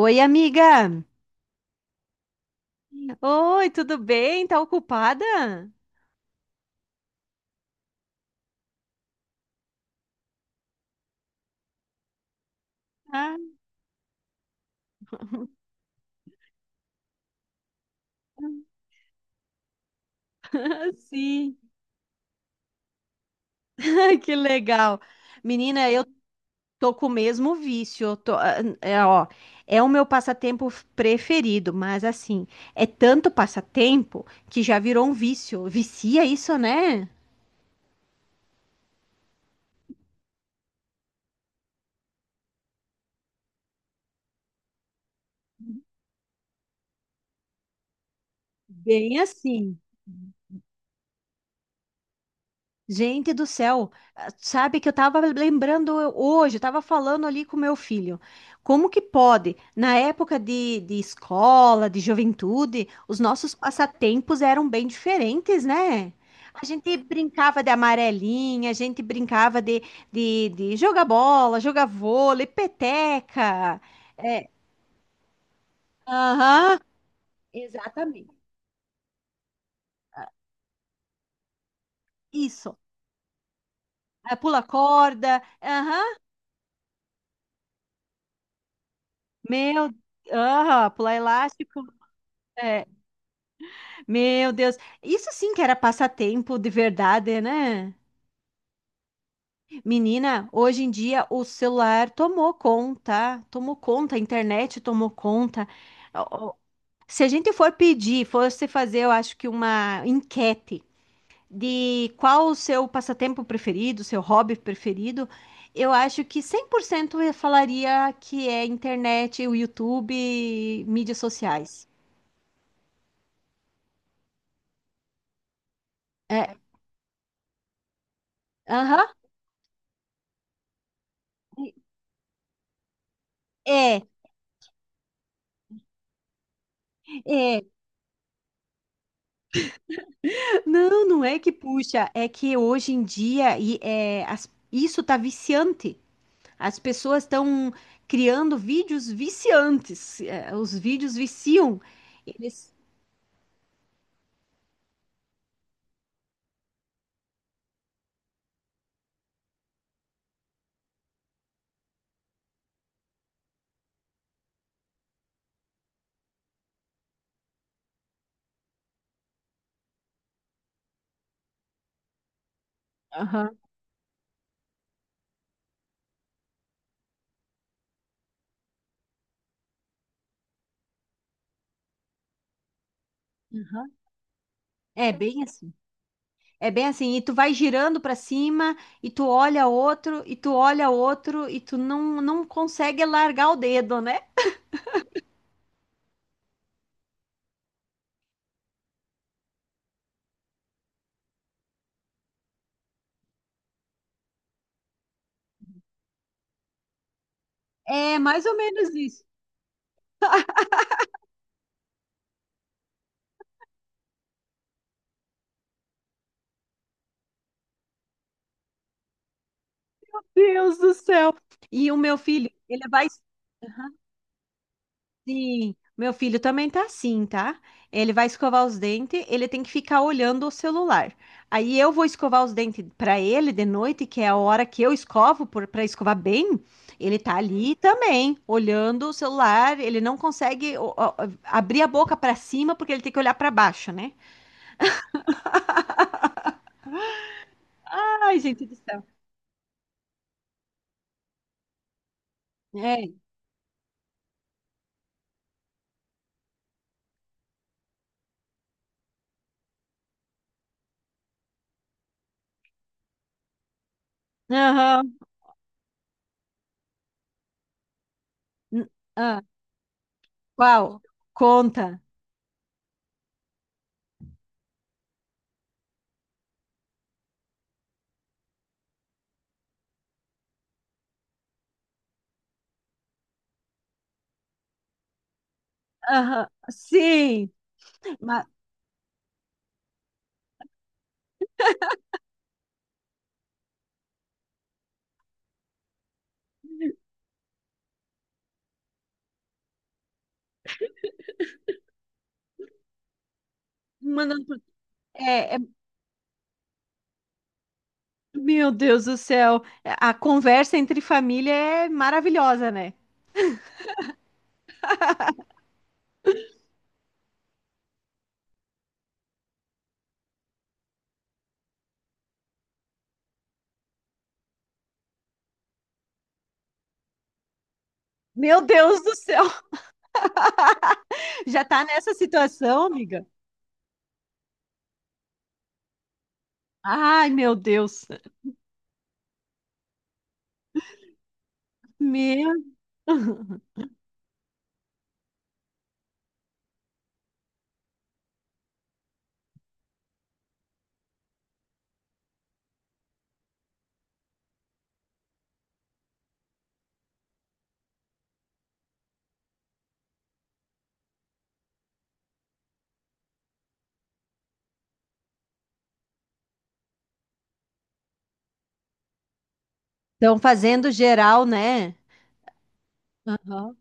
Oi, amiga. Oi, tudo bem? Tá ocupada? Ah, sim. Ai, que legal. Menina, eu tô com o mesmo vício. Ah, é, ó, é o meu passatempo preferido, mas assim, é tanto passatempo que já virou um vício. Vicia isso, né? Bem assim. Gente do céu, ah, sabe que eu estava lembrando hoje, eu estava falando ali com meu filho. Como que pode? Na época de escola, de juventude, os nossos passatempos eram bem diferentes, né? A gente brincava de amarelinha, a gente brincava de jogar bola, jogar vôlei, peteca. É, aham, exatamente. Isso. Ah, pula corda, aham, meu, aham, pular elástico. É. Meu Deus, isso sim que era passatempo de verdade, né? Menina, hoje em dia o celular tomou conta, a internet tomou conta. Ó, ó, se a gente for pedir, fosse fazer, eu acho que uma enquete de qual o seu passatempo preferido, seu hobby preferido, eu acho que 100% eu falaria que é internet, o YouTube, mídias sociais. É, aham. É, é. Não, não é que puxa, é que hoje em dia isso tá viciante. As pessoas estão criando vídeos viciantes. É, os vídeos viciam. Eles. Aham, aham. É bem assim. É bem assim. E tu vai girando para cima, e tu olha outro, e tu olha outro, e tu não consegue largar o dedo, né? É mais ou menos isso. Deus do céu. E o meu filho, ele vai. Sim, meu filho também tá assim, tá? Ele vai escovar os dentes, ele tem que ficar olhando o celular. Aí eu vou escovar os dentes pra ele de noite, que é a hora que eu escovo para escovar bem. Ele tá ali também, olhando o celular. Ele não consegue ó, ó, abrir a boca pra cima porque ele tem que olhar pra baixo, né? Ai, gente do céu. É. Aham. N- ah, qual? Conta. Aham. Sim. Ma- Mandando pro-. É, meu Deus do céu, a conversa entre família é maravilhosa, né? Meu Deus do céu, já tá nessa situação, amiga? Ai, meu Deus. Meu. Estão fazendo geral, né? Aham.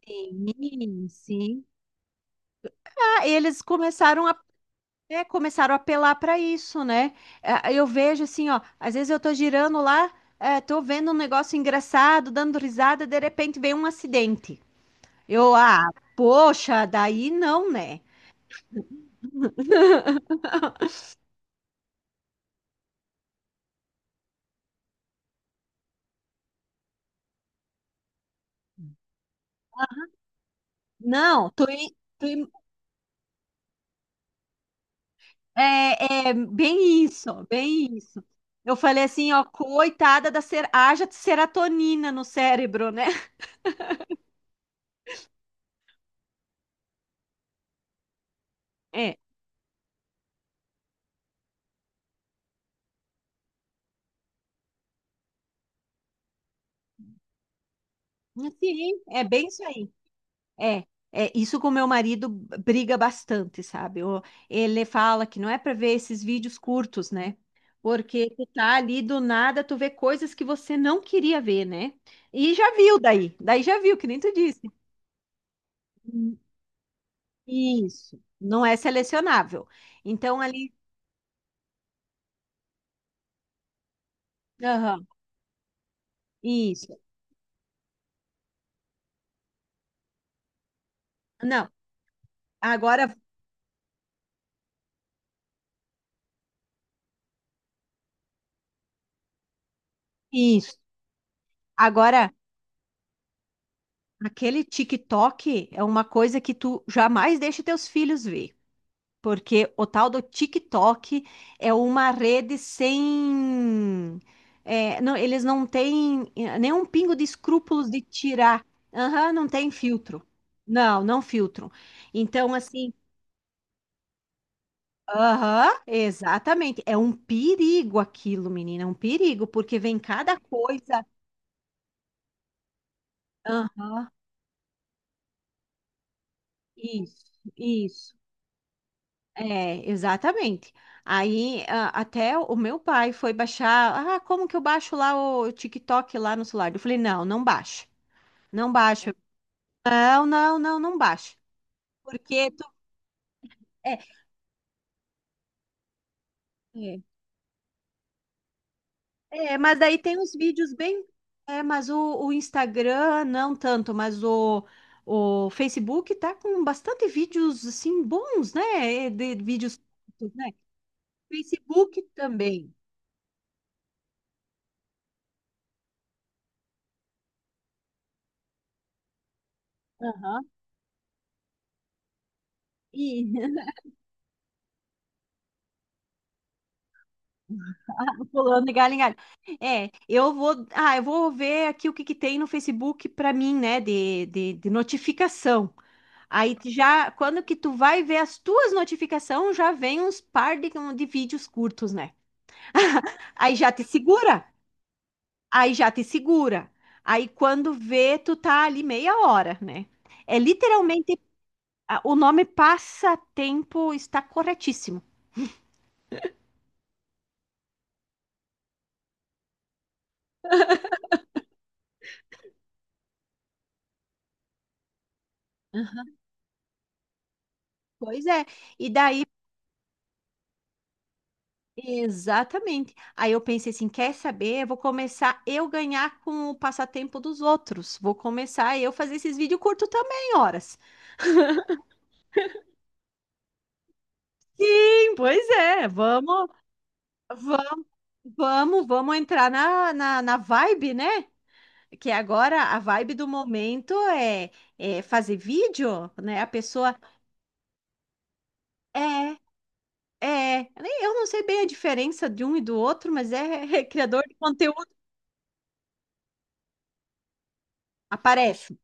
Sim, sim. Ah, eles começaram a apelar para isso, né? Ah, eu vejo assim, ó, às vezes eu tô girando lá, tô vendo um negócio engraçado, dando risada, de repente vem um acidente. Ah, poxa, daí não, né? Não, é, é bem isso, bem isso. Eu falei assim, ó, haja de serotonina no cérebro, né? É, sim, é bem isso aí. É, é isso com meu marido briga bastante, sabe? Ele fala que não é para ver esses vídeos curtos, né? Porque tu tá ali do nada, tu vê coisas que você não queria ver, né? E já viu daí, daí já viu, que nem tu disse. Hum, Isso, não é selecionável. Então, ali. Aham, isso. Não, agora, isso. Agora, aquele TikTok é uma coisa que tu jamais deixa teus filhos ver, porque o tal do TikTok é uma rede sem. É, não, eles não têm nenhum pingo de escrúpulos de tirar. Aham, não tem filtro. Não, não filtro. Então, assim. Aham, exatamente. É um perigo aquilo, menina, é um perigo, porque vem cada coisa. Aham. Isso, isso. É, exatamente. Aí até o meu pai foi baixar. Ah, como que eu baixo lá o TikTok lá no celular? Eu falei, não, não baixa. Não baixa. Não, não, não, não baixa. Porque tu. É, é, é, mas daí tem uns vídeos bem. É, mas o Instagram, não tanto, mas o Facebook tá com bastante vídeos assim bons, né? De vídeos curtos, né? Facebook também. Aham. E. Pulando de galho em galho. É, eu vou ver aqui o que que tem no Facebook para mim, né, de notificação. Aí tu já, quando que tu vai ver as tuas notificações, já vem uns par de vídeos curtos, né? Aí já te segura, aí já te segura. Aí quando vê, tu tá ali meia hora, né? É literalmente, o nome passatempo está corretíssimo. Pois é. E daí. Exatamente. Aí eu pensei assim, quer saber? Eu vou começar eu ganhar com o passatempo dos outros. Vou começar eu fazer esses vídeos curtos também, horas. Sim, pois é. Vamos, vamos. Vamos, vamos entrar na vibe, né? Que agora a vibe do momento é fazer vídeo, né? A pessoa é, é. Eu não sei bem a diferença de um e do outro, mas é, criador de conteúdo. Aparece,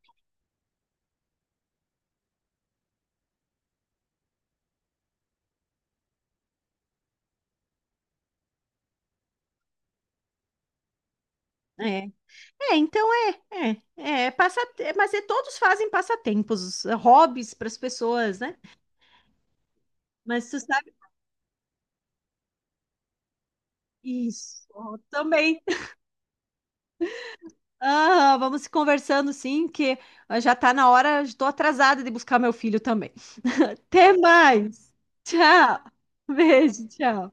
né? É, então mas é, todos fazem passatempos, hobbies para as pessoas, né? Mas tu sabe, isso, ó, também. Ah, vamos se conversando sim, que já tá na hora, estou atrasada de buscar meu filho também. Até mais. Tchau. Beijo, tchau.